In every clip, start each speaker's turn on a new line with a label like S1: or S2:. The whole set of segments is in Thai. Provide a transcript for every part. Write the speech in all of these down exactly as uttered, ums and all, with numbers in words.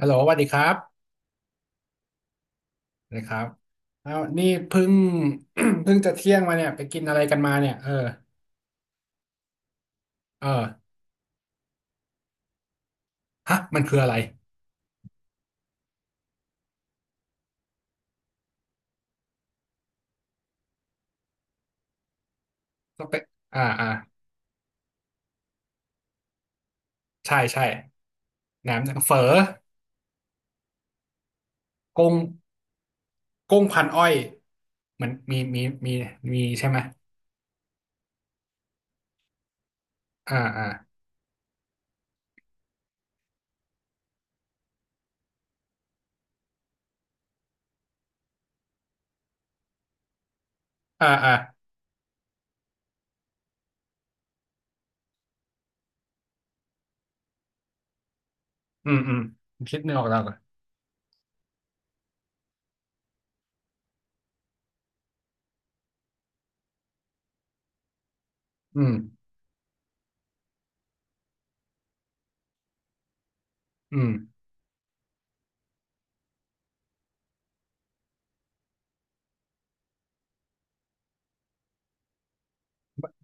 S1: ฮัลโหลสวัสดีครับสวัสดีครับอ้าวนี่เพิ่ง เพิ่งจะเที่ยงมาเนี่ยไปกินอะไรกันมาเนี่ยเออเออฮะมันคืออะไรต้องไปอ่าอ่าใช่ใช่แหนมเฝอกุ้งกุ้งพันอ้อยมันมีมีมีมีใช่ไหมอ่าอ่าอ่าอ่าอืมอืมคิดไม่ออกแล้วอะอืมอืม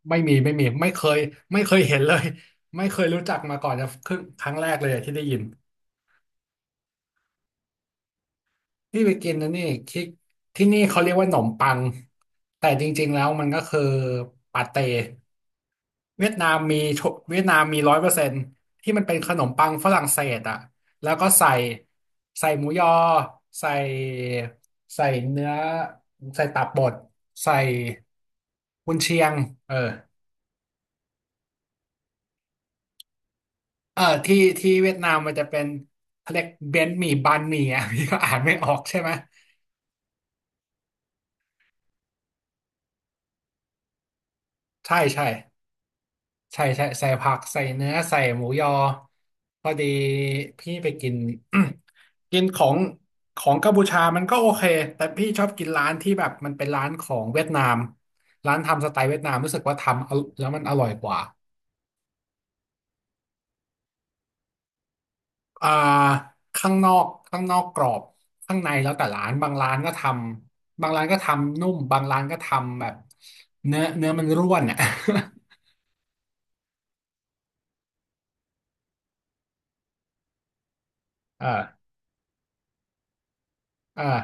S1: ไม่มีไม่มีไม่เคยไม่เคยเห็นเลย ไม่เคยรู้จักมาก่อนจะครึ่งครั้งแรกเลยอะที่ได้ยิน พี่ไปกินนะนี่ที่ที่นี่เขาเรียกว่าหนมปังแต่จริงๆแล้วมันก็คือปาเต้เวียดนามมีทุกเวียดนามมีร้อยเปอร์เซ็นต์ที่มันเป็นขนมปังฝรั่งเศสอ่ะแล้วก็ใส่ใส่หมูยอใส่ใส่เนื้อใส่ตับบดใส่กุนเชียงเออเออที่ที่เวียดนามมันจะเป็นเขาเรียกเบนหมี่บันหมี่อ่ะ พี่ก็อ่านไม่ออกใช่ไหมใช่ใช่ ใช่ใช่ใส่ผักใส่เนื้อใส่หมูยอพอดีพี่ไปกิน กินของของกัมพูชามันก็โอเคแต่พี่ชอบกินร้านที่แบบมันเป็นร้านของเวียดนามร้านทำสไตล์เวียดนามรู้สึกว่าทำเอาแล้วมันอร่อยกว่าอ่าข้างนอกข้างนอกกรอบข้างในแล้วแต่ร้านบางร้านก็ทำบางร้านก็ทำนุ่มบางร้านก็ทำแบบเนื้อเนื้อมันร่วน อ่ะ อ่าอา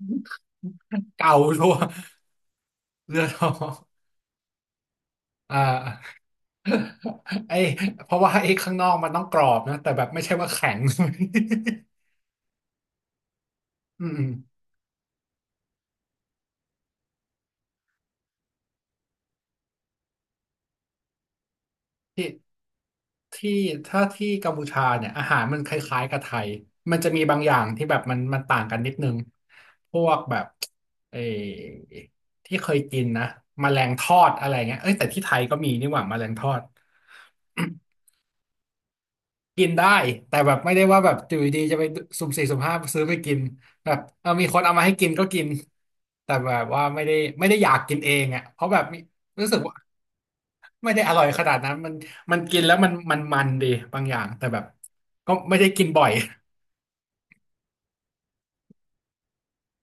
S1: เก่าชัวร์เรือทอง อ่าไอ้เพราะว่าไอ้ข้างนอกมันต้องกรอบนะแต่แบบไม่ใช่ว่าแข็ง อืมๆที่ที่ถ้าที่กัมพูชาเนี่ยอาหารมันคล้ายๆกับไทยมันจะมีบางอย่างที่แบบมันมันต่างกันนิดนึงพวกแบบเออที่เคยกินนะแมลงทอดอะไรเงี้ยเอ้ยแต่ที่ไทยก็มีนี่หว่าแมลงทอด กินได้แต่แบบไม่ได้ว่าแบบอยู่ดีๆจะไปสุ่มสี่สุ่มห้าซื้อไปกินแบบเออมีคนเอามาให้กินก็กินแต่แบบว่าไม่ได้ไม่ได้อยากกินเองอ่ะเพราะแบบมีรู้สึกว่าไม่ได้อร่อยขนาดนั้นมันมันกินแล้วมันมันมันดีบางอย่างแต่แบบก็ไม่ได้กินบ่อย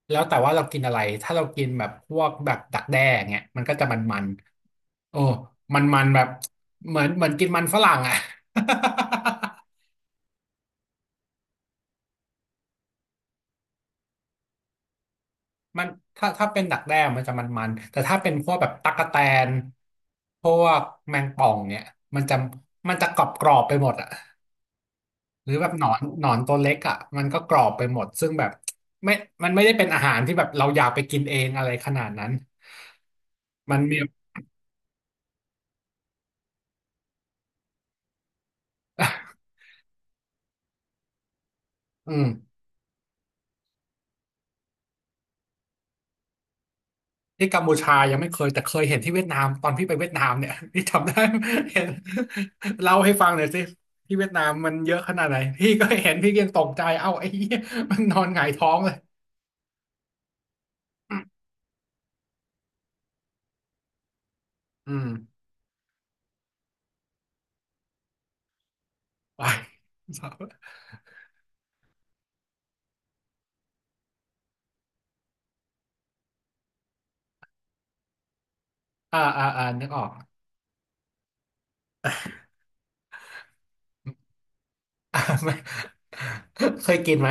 S1: แล้วแต่ว่าเรากินอะไรถ้าเรากินแบบพวกแบบดักแด้เงี้ยมันก็จะมันมันโอ้มันมันแบบเหมือนเหมือนกินมันฝรั่งอ่ะ มันถ้าถ้าเป็นดักแด้มันจะมันๆแต่ถ้าเป็นพวกแบบตั๊กแตนพวกแมงป่องเนี่ยมันจะมันจะกรอบกรอบไปหมดอะหรือแบบหนอนหนอนตัวเล็กอะมันก็กรอบไปหมดซึ่งแบบไม่มันไม่ได้เป็นอาหารที่แบบเราอยากไปกินเองอะไรขนาดนั้นมันมีอืมที่กัมพูชายังไม่เคยแต่เคยเห็นที่เวียดนามตอนพี่ไปเวียดนามเนี่ย พี่จำได้เห็นเล่าให้ฟังหน่อยสิที่เวียดนามมันเยอะขนาดไหนพี่ก็เห็นพี่ยังตกใจเอ้าไอ้เหี้ยมันนอนหงายท้องเลยอืม ไป อ่าอ่าอ่านึกออก อ่าไม่เคยกินไหม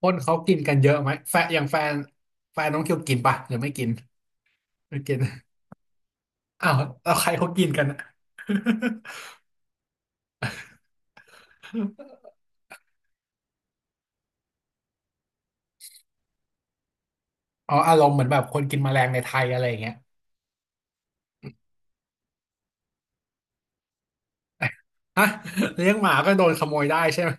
S1: คนเขากินกันเยอะไหมแฟนอย่างแฟน แฟนน้องคิวกินปะหรือไม่กิน ไม่กิน อ้าวแล้วใครเขากินกันอะ อ๋ออารมณ์เหมือนแบบคนกินแมลงในไทยอะไรอย่างเงี้ยฮะเลี้ยงหมาก็โดนขโมยได้ใช่ไหม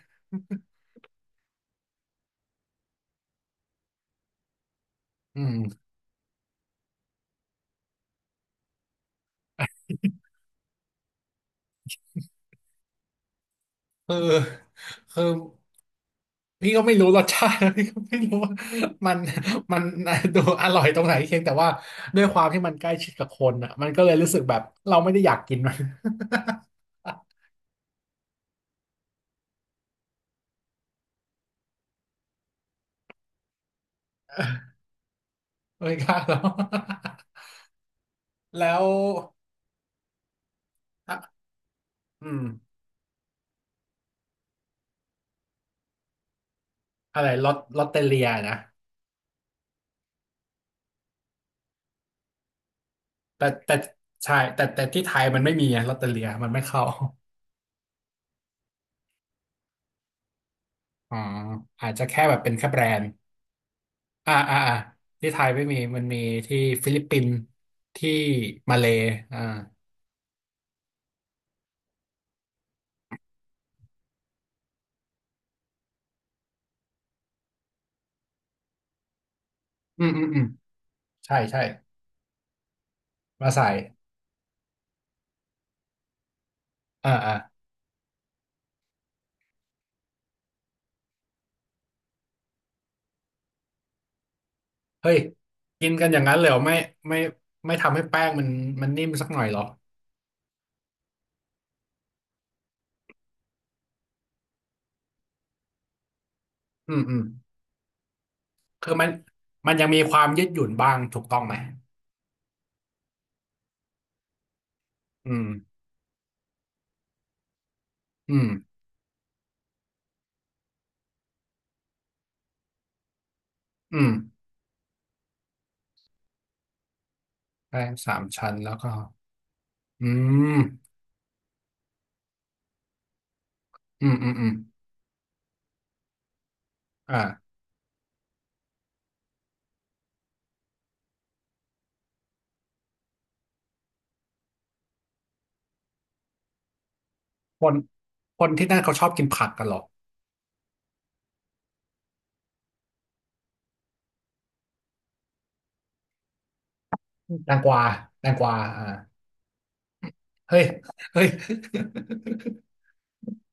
S1: อืม คือ คือ พี่ก็ไม่รู้รสชาติ พี่ก็ไม่รู้ว่า มันมัน ดูอร่อยตรงไหนเพียงแต่ว่าด้วยความที่มันใกล้ชิดกับคนอ่ะมันก็เลยรู้สึกแบบเราไม่ได้อยากกินมัน ไม่กล้าหรอก แล้วอ่ะอืมอะไรลอตลอตเตอเลียนะแต่แต่ใช่แต่แต่ที่ไทยมันไม่มีอะลอตเตอเลียมันไม่เข้า อ๋ออาจจะแค่แบบเป็นแค่แบรนด์อ่าอ่าอ่าที่ไทยไม่มีมันมีที่ฟิลิปปินส์ที่มาเลย์อ่าอืมอืมอืมใช่ใช่ มาใส่อ่าอ่าเฮ้ยกินกันอย่างนั้นเลยเหรอไม่ไม่ไม่ทำให้แป้งมันมันนิ่มสักหน่อยเหรออืมอืมคือมันมันยังมีความยืดหยุ่นบ้างถูกต้องไหมอืมอืมอืมแป้งสามชั้นแล้วก็อืมอืมอืมอืมอ่าคนคนที่นั่นเขาชอบกินผักกันเหรอแตงกวาแตงกวาอ่าเฮ้ยเฮ้ย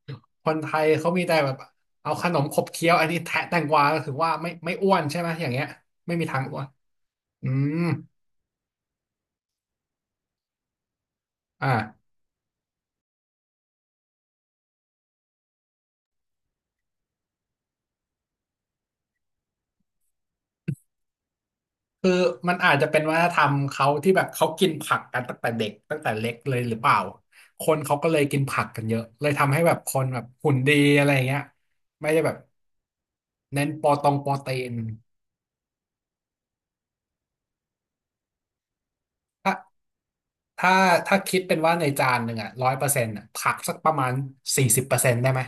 S1: คนไทยเขามีแต่แบบเอาขนมขบเคี้ยวอันนี้แทะแตงกวาก็ถือว่าไม่ไม่อ้วนใช่ไหมอย่างเงี้ยไม่มีทางอ้วน อืมอ่าคือมันอาจจะเป็นวัฒนธรรมเขาที่แบบเขากินผักกันตั้งแต่เด็กตั้งแต่เล็กเลยหรือเปล่าคนเขาก็เลยกินผักกันเยอะเลยทำให้แบบคนแบบหุ่นดีอะไรอย่างเงี้ยไม่ได้แบบเน้นโปรตรงโปรตีนถ้าถ้าถ้าคิดเป็นว่าในจานหนึ่งอ่ะร้อยเปอร์เซ็นต์อ่ะผักสักประมาณสี่สิบเปอร์เซ็นต์ได้ไหม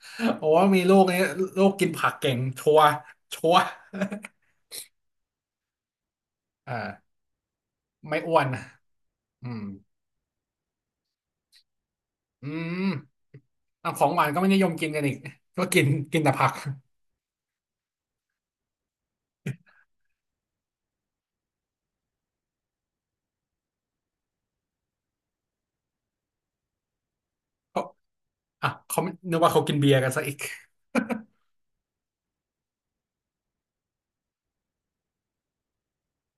S1: โอ้ว่า มีลูกนี้ลูกกินผักเก่งชัวร์ชัวร์ อ่า ไม่อ้วนนะอืมอืมเอาของหวานก็ไม่นิยมกินกันอีกก็กินกินแต่ผัก เขาอ่ะเขาไม่นึกว่าเขากินเบียร์กันซะอีก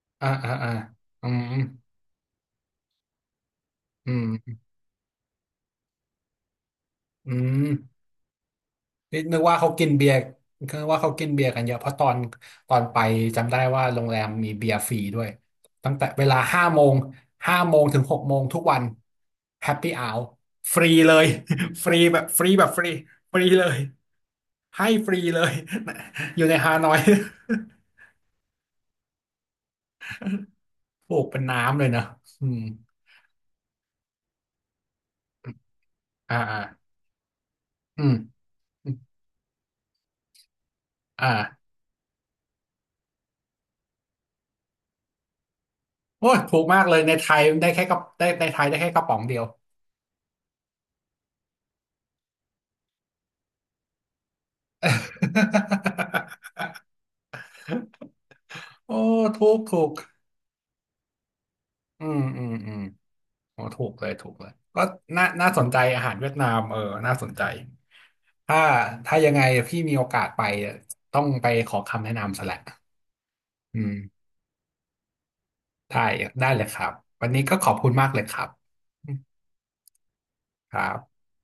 S1: อ่าอ่าอ่าอืมอืมอืมนี่นึกว่าเขากินเบียร์คือว่าเขากินเบียร์กันเยอะ เพราะตอนตอนไปจำได้ว่าโรงแรมมีเบียร์ฟรีด้วย ตั้งแต่เวลาห้าโมงห้าโมงถึงหกโมงทุกวันแฮปปี้อ r วฟรีเลย ฟรีแบบฟรีแบบฟรีฟรีเลย ให้ฟรีเลย อยู่ในฮานอย ถูกเป็นน้ำเลยนะอืมอ่าอ่าอืมอืมอ่าโอ้ยถูกมากเลยในไทยได้แค่กระได้ในไทยได้แค่กระป๋องเดียว โอ้ถูกถูกอืมอืมอืมโอ้ถูกเลยถูกเลยก็น่าน่าสนใจอาหารเวียดนามเออน่าสนใจถ้าถ้ายังไงพี่มีโอกาสไปต้องไปขอคำแนะนำซะแหละอืมได้ได้เลยครับวันนี้ก็ขอบคุณมากเลยครับอืมครับ